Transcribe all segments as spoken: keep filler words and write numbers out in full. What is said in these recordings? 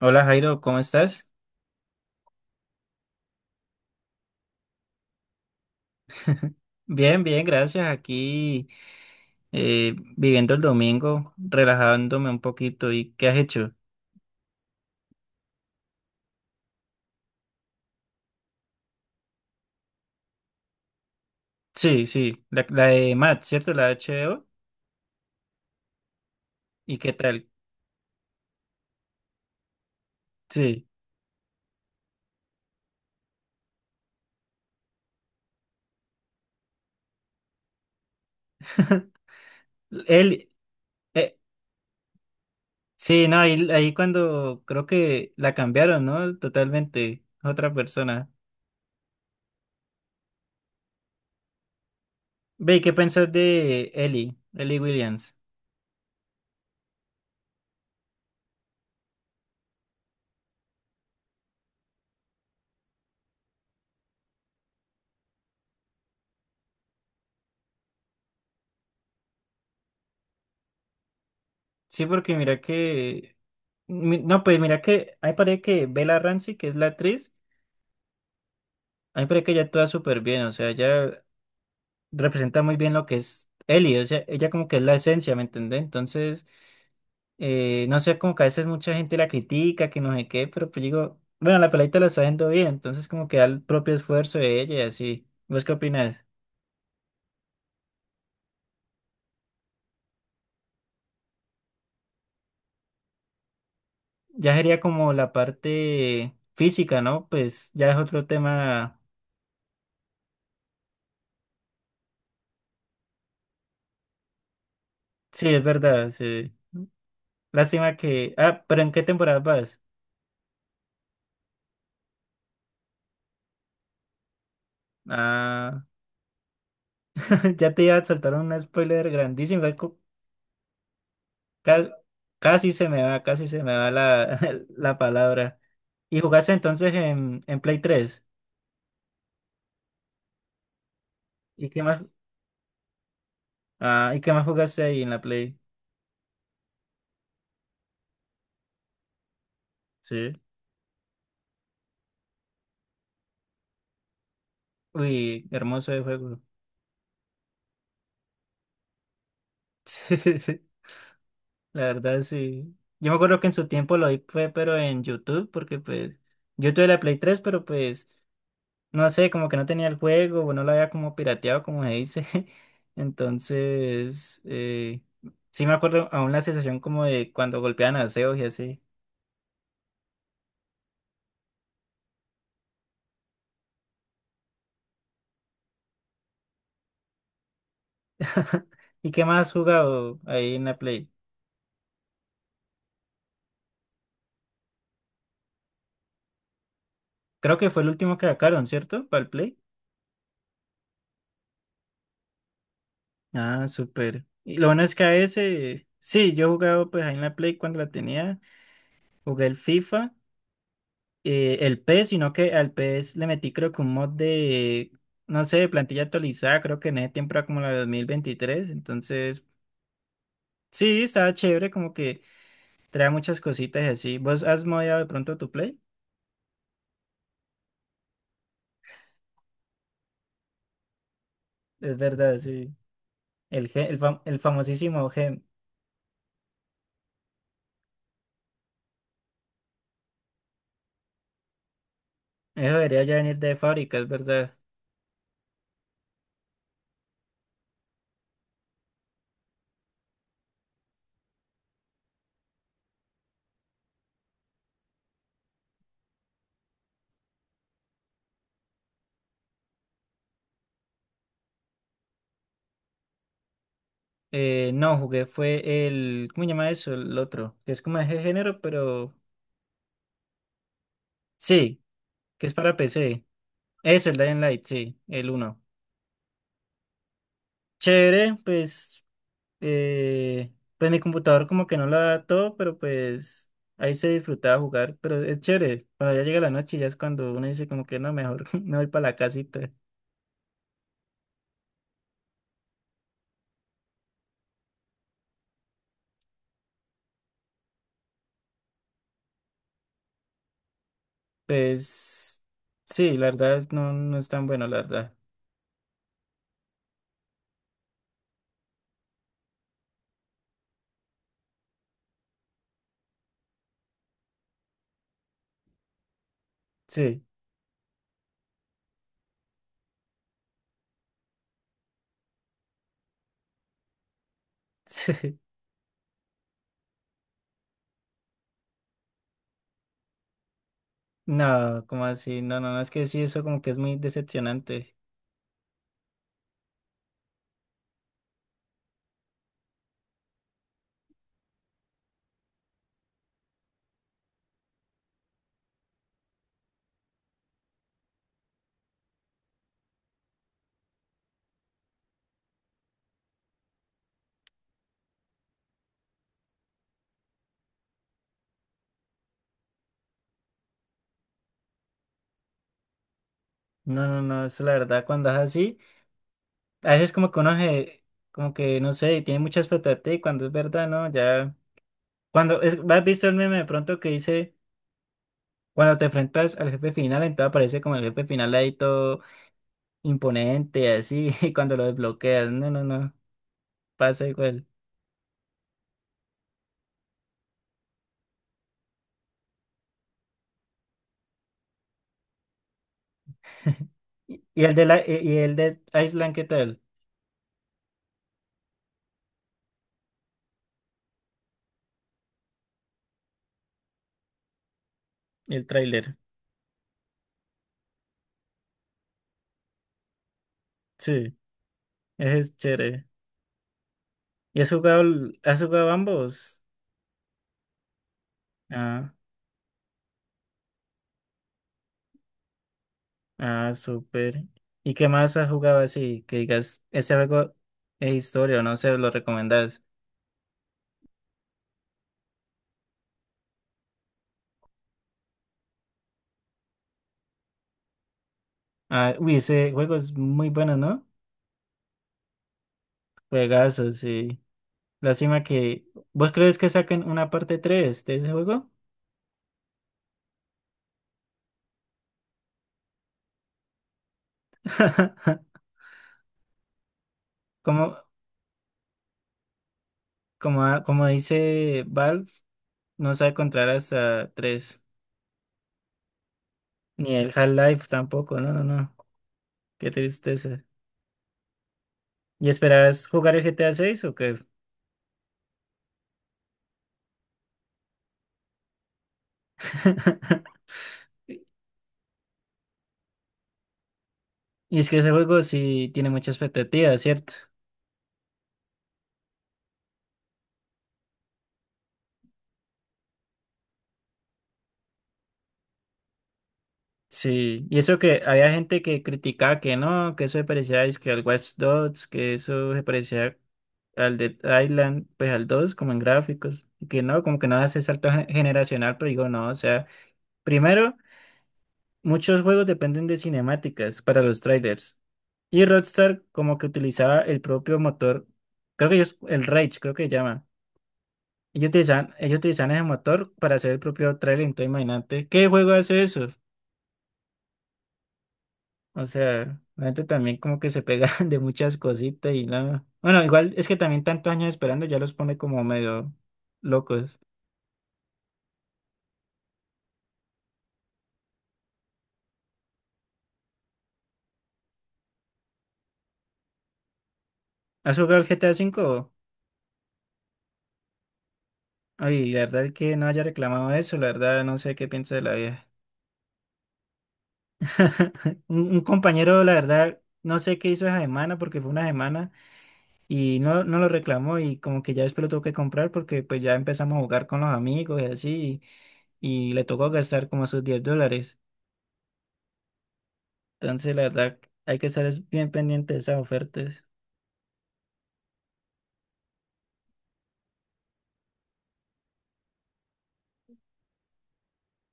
Hola Jairo, ¿cómo estás? Bien, bien, gracias. Aquí eh, viviendo el domingo, relajándome un poquito. ¿Y qué has hecho? Sí, sí, la, la de Matt, ¿cierto? La de H B O. ¿Y qué tal? Sí. Él, eh, sí, no, ahí, ahí cuando creo que la cambiaron, ¿no? Totalmente, otra persona. Ve, ¿y qué pensás de Ellie, Ellie Williams? Sí, porque mira que, mi- no, pues mira que, ahí parece que Bella Ramsey, que es la actriz. A mí me parece que ella actúa súper bien, o sea, ella representa muy bien lo que es Ellie, o sea, ella como que es la esencia, ¿me entendés? Entonces, eh, no sé, como que a veces mucha gente la critica, que no sé qué, pero pues digo, bueno, la peladita la está haciendo bien, entonces como que da el propio esfuerzo de ella y así. ¿Vos qué opinas? Ya sería como la parte física, ¿no? Pues ya es otro tema. Sí, es verdad, sí. Lástima que... Ah, pero ¿en qué temporada vas? Ah, ya te iba a soltar un spoiler grandísimo. Ca- Casi se me va, casi se me va la, la palabra. ¿Y jugaste entonces en, en Play tres? ¿Y qué más? Ah, ¿y qué más jugaste ahí en la Play? Sí. Uy, hermoso de juego. Sí. La verdad, sí. Yo me acuerdo que en su tiempo lo vi fue, pero en YouTube, porque pues yo tuve la Play tres, pero pues no sé, como que no tenía el juego, o no lo había como pirateado, como se dice. Entonces, eh, sí me acuerdo aún la sensación como de cuando golpeaban a Zeus y así. ¿Y qué más has jugado ahí en la Play? Creo que fue el último que sacaron, ¿cierto? Para el Play. Ah, súper. Y lo bueno es que a ese, sí, yo he jugado pues ahí en la Play cuando la tenía, jugué el FIFA, eh, el PES, sino que al PES le metí creo que un mod de, no sé, de plantilla actualizada, creo que en ese tiempo era como la de dos mil veintitrés. Entonces sí, estaba chévere, como que trae muchas cositas y así. ¿Vos has modeado de pronto tu Play? Es verdad, sí. El, Ge- el, fam- el famosísimo Gem. Eso debería ya venir de fábrica, es verdad. Eh, no, jugué fue el... ¿Cómo se llama eso? El otro. Que es como de ese género, pero... Sí, que es para P C. Eso, el Dying Light, sí, el uno. Chévere, pues... eh, pues mi computador como que no la da todo, pero pues... Ahí se disfrutaba jugar, pero es chévere. Cuando ya llega la noche, ya es cuando uno dice como que no, mejor me voy para la casita. Pues... Sí, la verdad no, no es tan bueno, la verdad. Sí. No, como así? No, no, no, es que sí, eso como que es muy decepcionante. No, no, no, eso la verdad, cuando es así, a veces como que uno se- como que no sé, tiene mucha expectativa y cuando es verdad, ¿no? Ya, cuando es, ¿has visto el meme de pronto que dice, cuando te enfrentas al jefe final, entonces aparece como el jefe final ahí todo imponente, así, y cuando lo desbloqueas, no, no, no, pasa igual. Y y el de la, y y el de Island, ¿qué tal? El tráiler. Sí, ese es chévere. ¿Y has jugado, el- has jugado ambos? Ah. Ah, súper. ¿Y qué más has jugado así? Que digas, ese juego es historia, o no sé, lo recomendás. Ah, uy, ese juego es muy bueno, ¿no? Juegazo, sí. Lástima que... ¿Vos crees que saquen una parte tres de ese juego? Como, como, ah, como dice Valve, no sabe contar hasta tres. Ni el Half-Life tampoco, no, no, no. Qué tristeza. ¿Y esperás jugar el G T A seis o qué? Y es que ese juego sí tiene mucha expectativa, ¿cierto? Sí, y eso que había gente que criticaba que no, que eso se parecía es que al Watch Dogs, que eso se parecía al Dead Island, pues al dos como en gráficos, y que no, como que no hace salto gen- generacional, pero digo no, o sea, primero, muchos juegos dependen de cinemáticas para los trailers, y Rockstar como que utilizaba el propio motor, creo que ellos, el Rage creo que se llama, ellos utilizan ellos utilizaban ese motor para hacer el propio trailer, entonces imagínate, ¿qué juego hace eso? O sea, la gente también como que se pega de muchas cositas y nada. Bueno, igual es que también tantos años esperando ya los pone como medio locos. ¿Has jugado el G T A cinco? Ay, la verdad es que no haya reclamado eso, la verdad no sé qué piensa de la vieja. Un, un compañero, la verdad, no sé qué hizo esa semana porque fue una semana y no, no lo reclamó y como que ya después lo tuvo que comprar porque pues ya empezamos a jugar con los amigos y así y, y le tocó gastar como sus diez dólares. Entonces, la verdad, hay que estar es- bien pendiente de esas ofertas.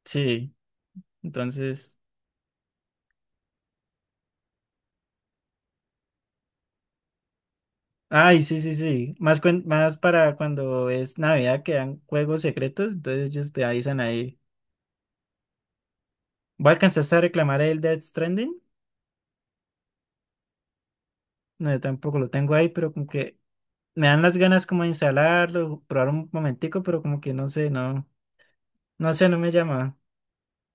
Sí, entonces. Ay, sí, sí, sí. Más, cuen- más para cuando es Navidad que dan juegos secretos, entonces ellos te avisan ahí. ¿Voy a alcanzar a reclamar el Death Stranding? No, yo tampoco lo tengo ahí, pero como que me dan las ganas como de instalarlo, probar un momentico, pero como que no sé, no, no sé, no me llama.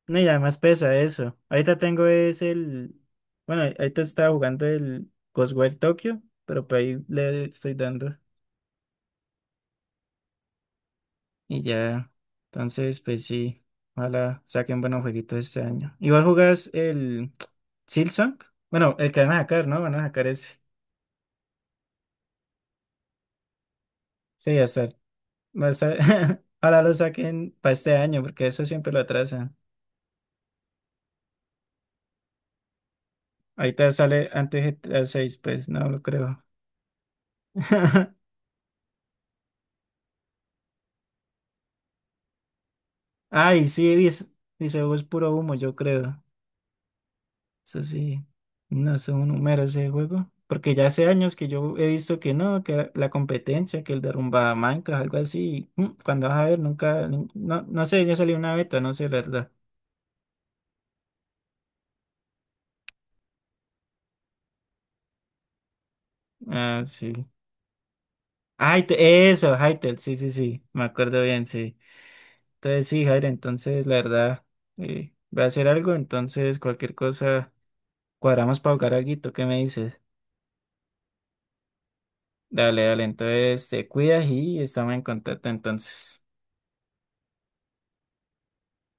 No, y además pesa eso. Ahorita tengo es el, bueno, ahorita estaba jugando el Ghostwire Tokyo, pero por ahí le estoy dando. Y ya, entonces, pues sí, ojalá saquen buenos jueguitos este año. Igual jugás el Silksong, bueno, el que van a sacar, ¿no? Van a sacar ese. Sí, ya está. Va a estar. Ojalá lo saquen para este año, porque eso siempre lo atrasan. Ahorita sale antes G T a seis, pues no lo creo. Ay, sí, dice, dice, es puro humo, yo creo. Eso sí, no es un número ese juego. Porque ya hace años que yo he visto que no, que la competencia, que el derrumba Minecraft, algo así. mm, Cuando vas a ver, nunca, nin- no, no sé, ya salió una beta, no sé, la verdad. Ah, sí. Hytale, eso, Hytale, sí, sí, sí, me acuerdo bien, sí. Entonces sí, Jair, entonces la verdad, eh, voy a hacer algo, entonces cualquier cosa, cuadramos para jugar alguito, ¿qué me dices? Dale, dale, entonces te cuidas y estamos en contacto entonces.